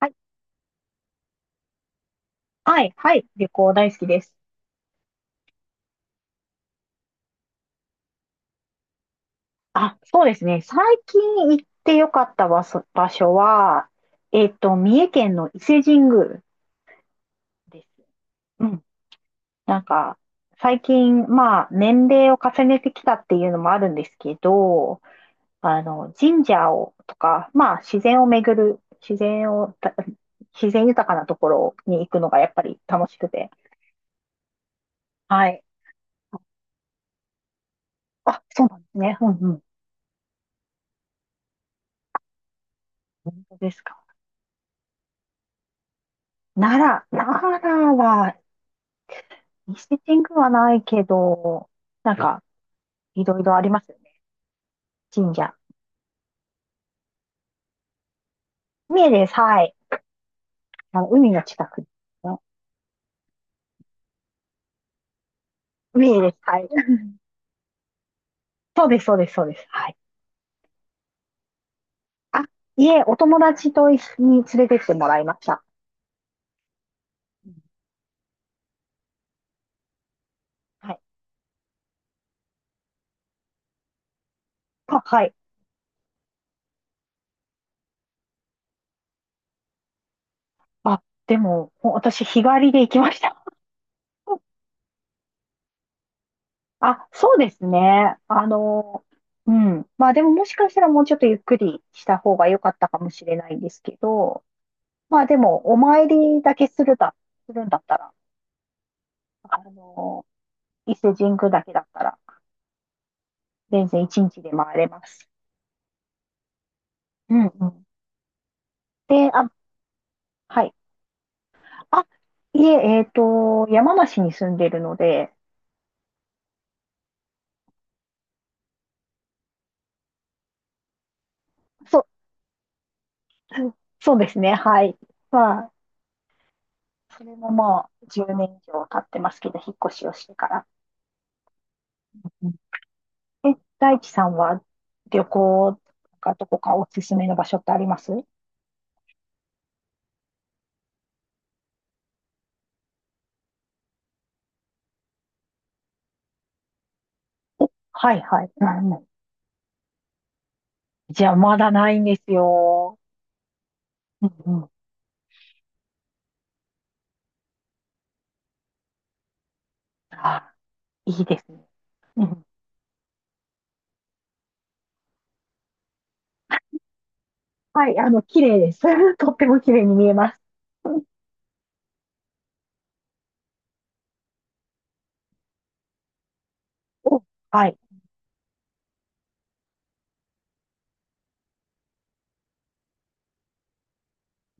はい、はい、はい、旅行大好きです。あ、そうですね。最近行ってよかった場所は、三重県の伊勢神宮です。うん。なんか、最近、まあ、年齢を重ねてきたっていうのもあるんですけど、あの、神社を、とか、まあ、自然を巡る、自然を、た自然豊かなところに行くのがやっぱり楽しくて。はい。あ、そうなんですね。うんうん。本当ですか？奈奈良はミスティッングはないけど、なんか、いろいろありますよね。神社。三重です。はい。あの、海の近くですね。三重です。はい。そうです、そうです、そうです。はい。あ、いえ、お友達と一緒に連れてってもらいました。うん、はい。あ、はい。あ、でも、もう私、日帰りで行きました。あ、そうですね。あの、うん。まあでも、もしかしたらもうちょっとゆっくりした方が良かったかもしれないんですけど、まあでも、お参りだけするだ、するんだったら、あの、伊勢神宮だけだったら、全然一日で回れます。うんうん。で、あ、はい。あ、いえ、山梨に住んでるので、そう、そうですね、はい。まあ、それももう10年以上経ってますけど、引っ越しをしてから。うん、え、大地さんは旅行とかどこかおすすめの場所ってあります？はいはい。うんうん。じゃあまだないんですよ。うんうん。あ、いいですね。はい、あの、綺麗です。とっても綺麗に見えます。おはい。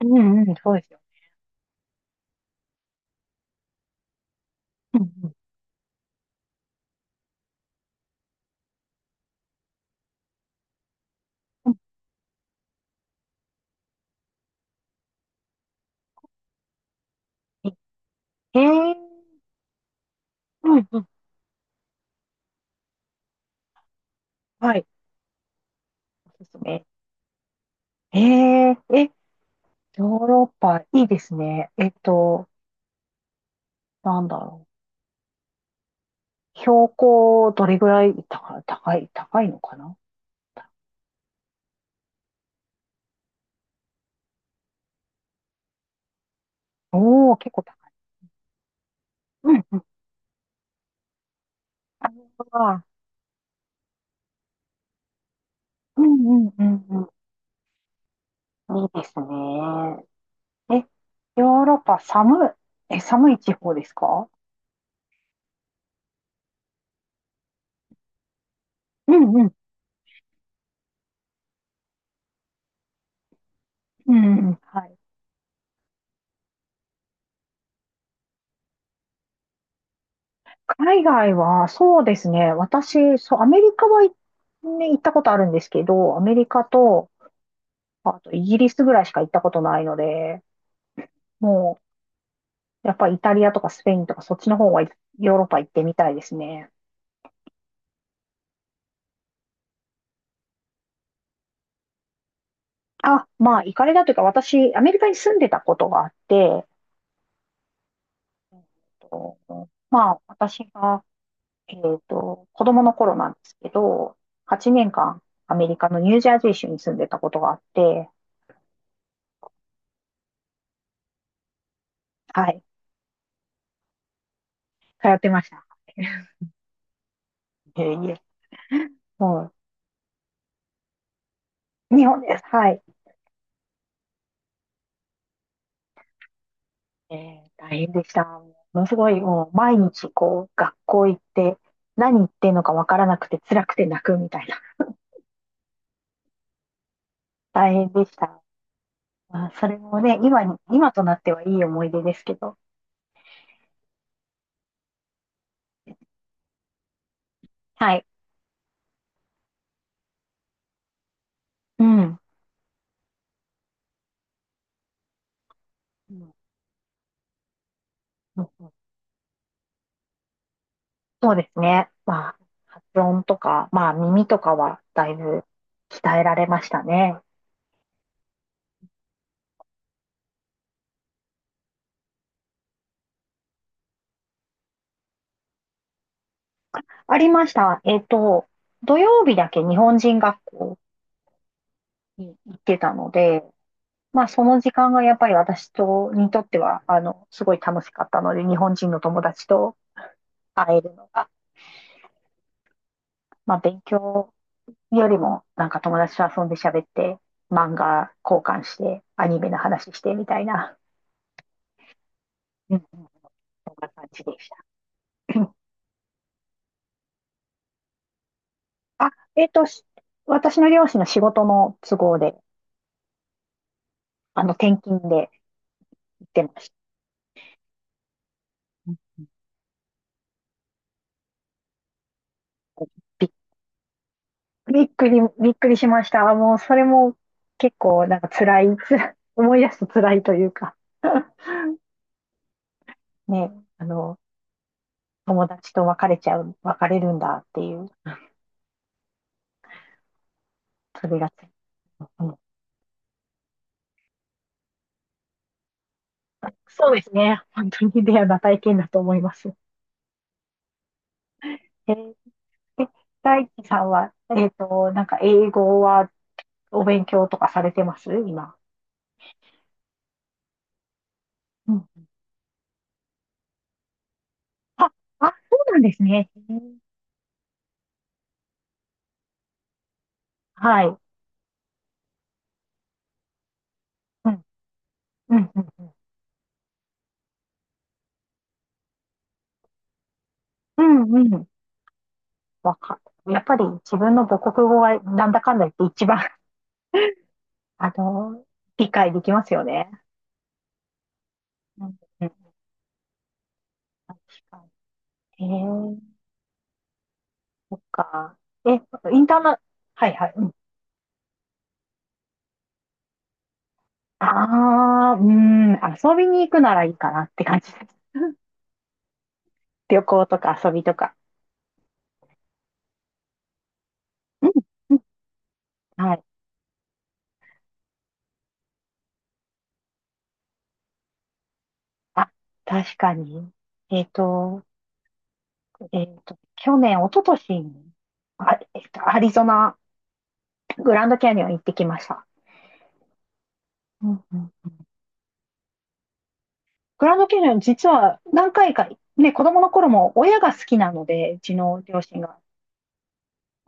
うんうん、そうですよ。うんうん。うん、えへえ。うんうん。はい。おすすめ。ええ、ヨーロッパ、いいですね。なんだろう。標高、どれぐらい高い、高い、高いのかな？おおー、結構高い。うんうん。ああ、うんうんうんうん。いいですね。え、ヨーロッパ、寒い、寒い地方ですか？うんうん。うんうん。はい。海外は、そうですね。私、そう、アメリカは、ね、行ったことあるんですけど、アメリカと、あとイギリスぐらいしか行ったことないので、もう、やっぱりイタリアとかスペインとかそっちの方は、ヨーロッパ行ってみたいですね。あ、まあ、行かれたというか、私、アメリカに住んでたことがあって、えっとまあ、私が、えっ子供の頃なんですけど、8年間、アメリカのニュージャージー州に住んでたことがあって、はい、通ってました。いえいえ。日本です。はい。大変でした。ものすごい、もう毎日こう、学校行って、何言ってんのかわからなくて辛くて泣くみたいな。大変でした。まあ、それもね、今となってはいい思い出ですけど。はい。うん。うんうんうん、そうですね。まあ、発音とか、まあ、耳とかはだいぶ鍛えられましたね。ありました。土曜日だけ日本人学校に行ってたので、まあ、その時間がやっぱり私にとっては、あの、すごい楽しかったので、日本人の友達と会えるのが、まあ、勉強よりも、なんか友達と遊んで喋って、漫画交換して、アニメの話してみたいな、うんうん、そんな感じでした。あ、えっと、し私の両親の仕事の都合で、あの、転勤で行ってました。びっびっくり、びっくりしました。もう、それも結構、なんか辛い、辛い、思い出すと辛いというか、ね、あの、友達と別れちゃう、別れるんだっていう、それがつい、うん、そうですね。本当にレアな体験だと思います。えー、え大地さんは、なんか英語はお勉強とかされてます今？うん。あ、あ、そうなんですね。はい。うん、うん、うん、うん、うん。うん、わかやっぱり自分の母国語はなんだかんだ言って一番、あの、理解できますよね。うん、うん、確かに。そっか。え、インターナ、はいはい。うん。ああ、うん、遊びに行くならいいかなって感じです。旅行とか遊びとか。うんうん、はい。あ、確かに。えっと、去年、一昨年に、あ、アリゾナ、グランドキャニオン行ってきました。うんうん。グランドキャニオン、実は何回か、ね、子供の頃も親が好きなので、うちの両親が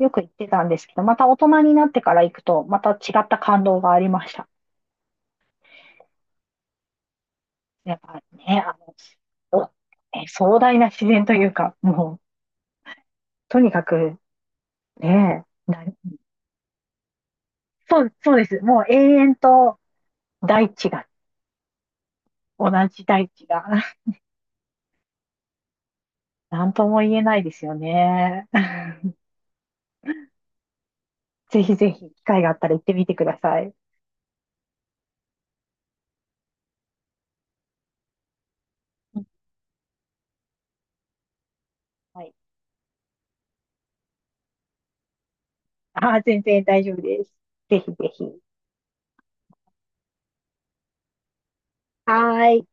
よく行ってたんですけど、また大人になってから行くと、また違った感動がありました。やっぱね、あの、壮大な自然というか、もう、とにかく、ね、そう、そうです。もう永遠と大地が、同じ大地が、なんとも言えないですよね。ぜひぜひ、機会があったら行ってみてください。はい。あー、全然大丈夫です。ぜひぜひ。はーい。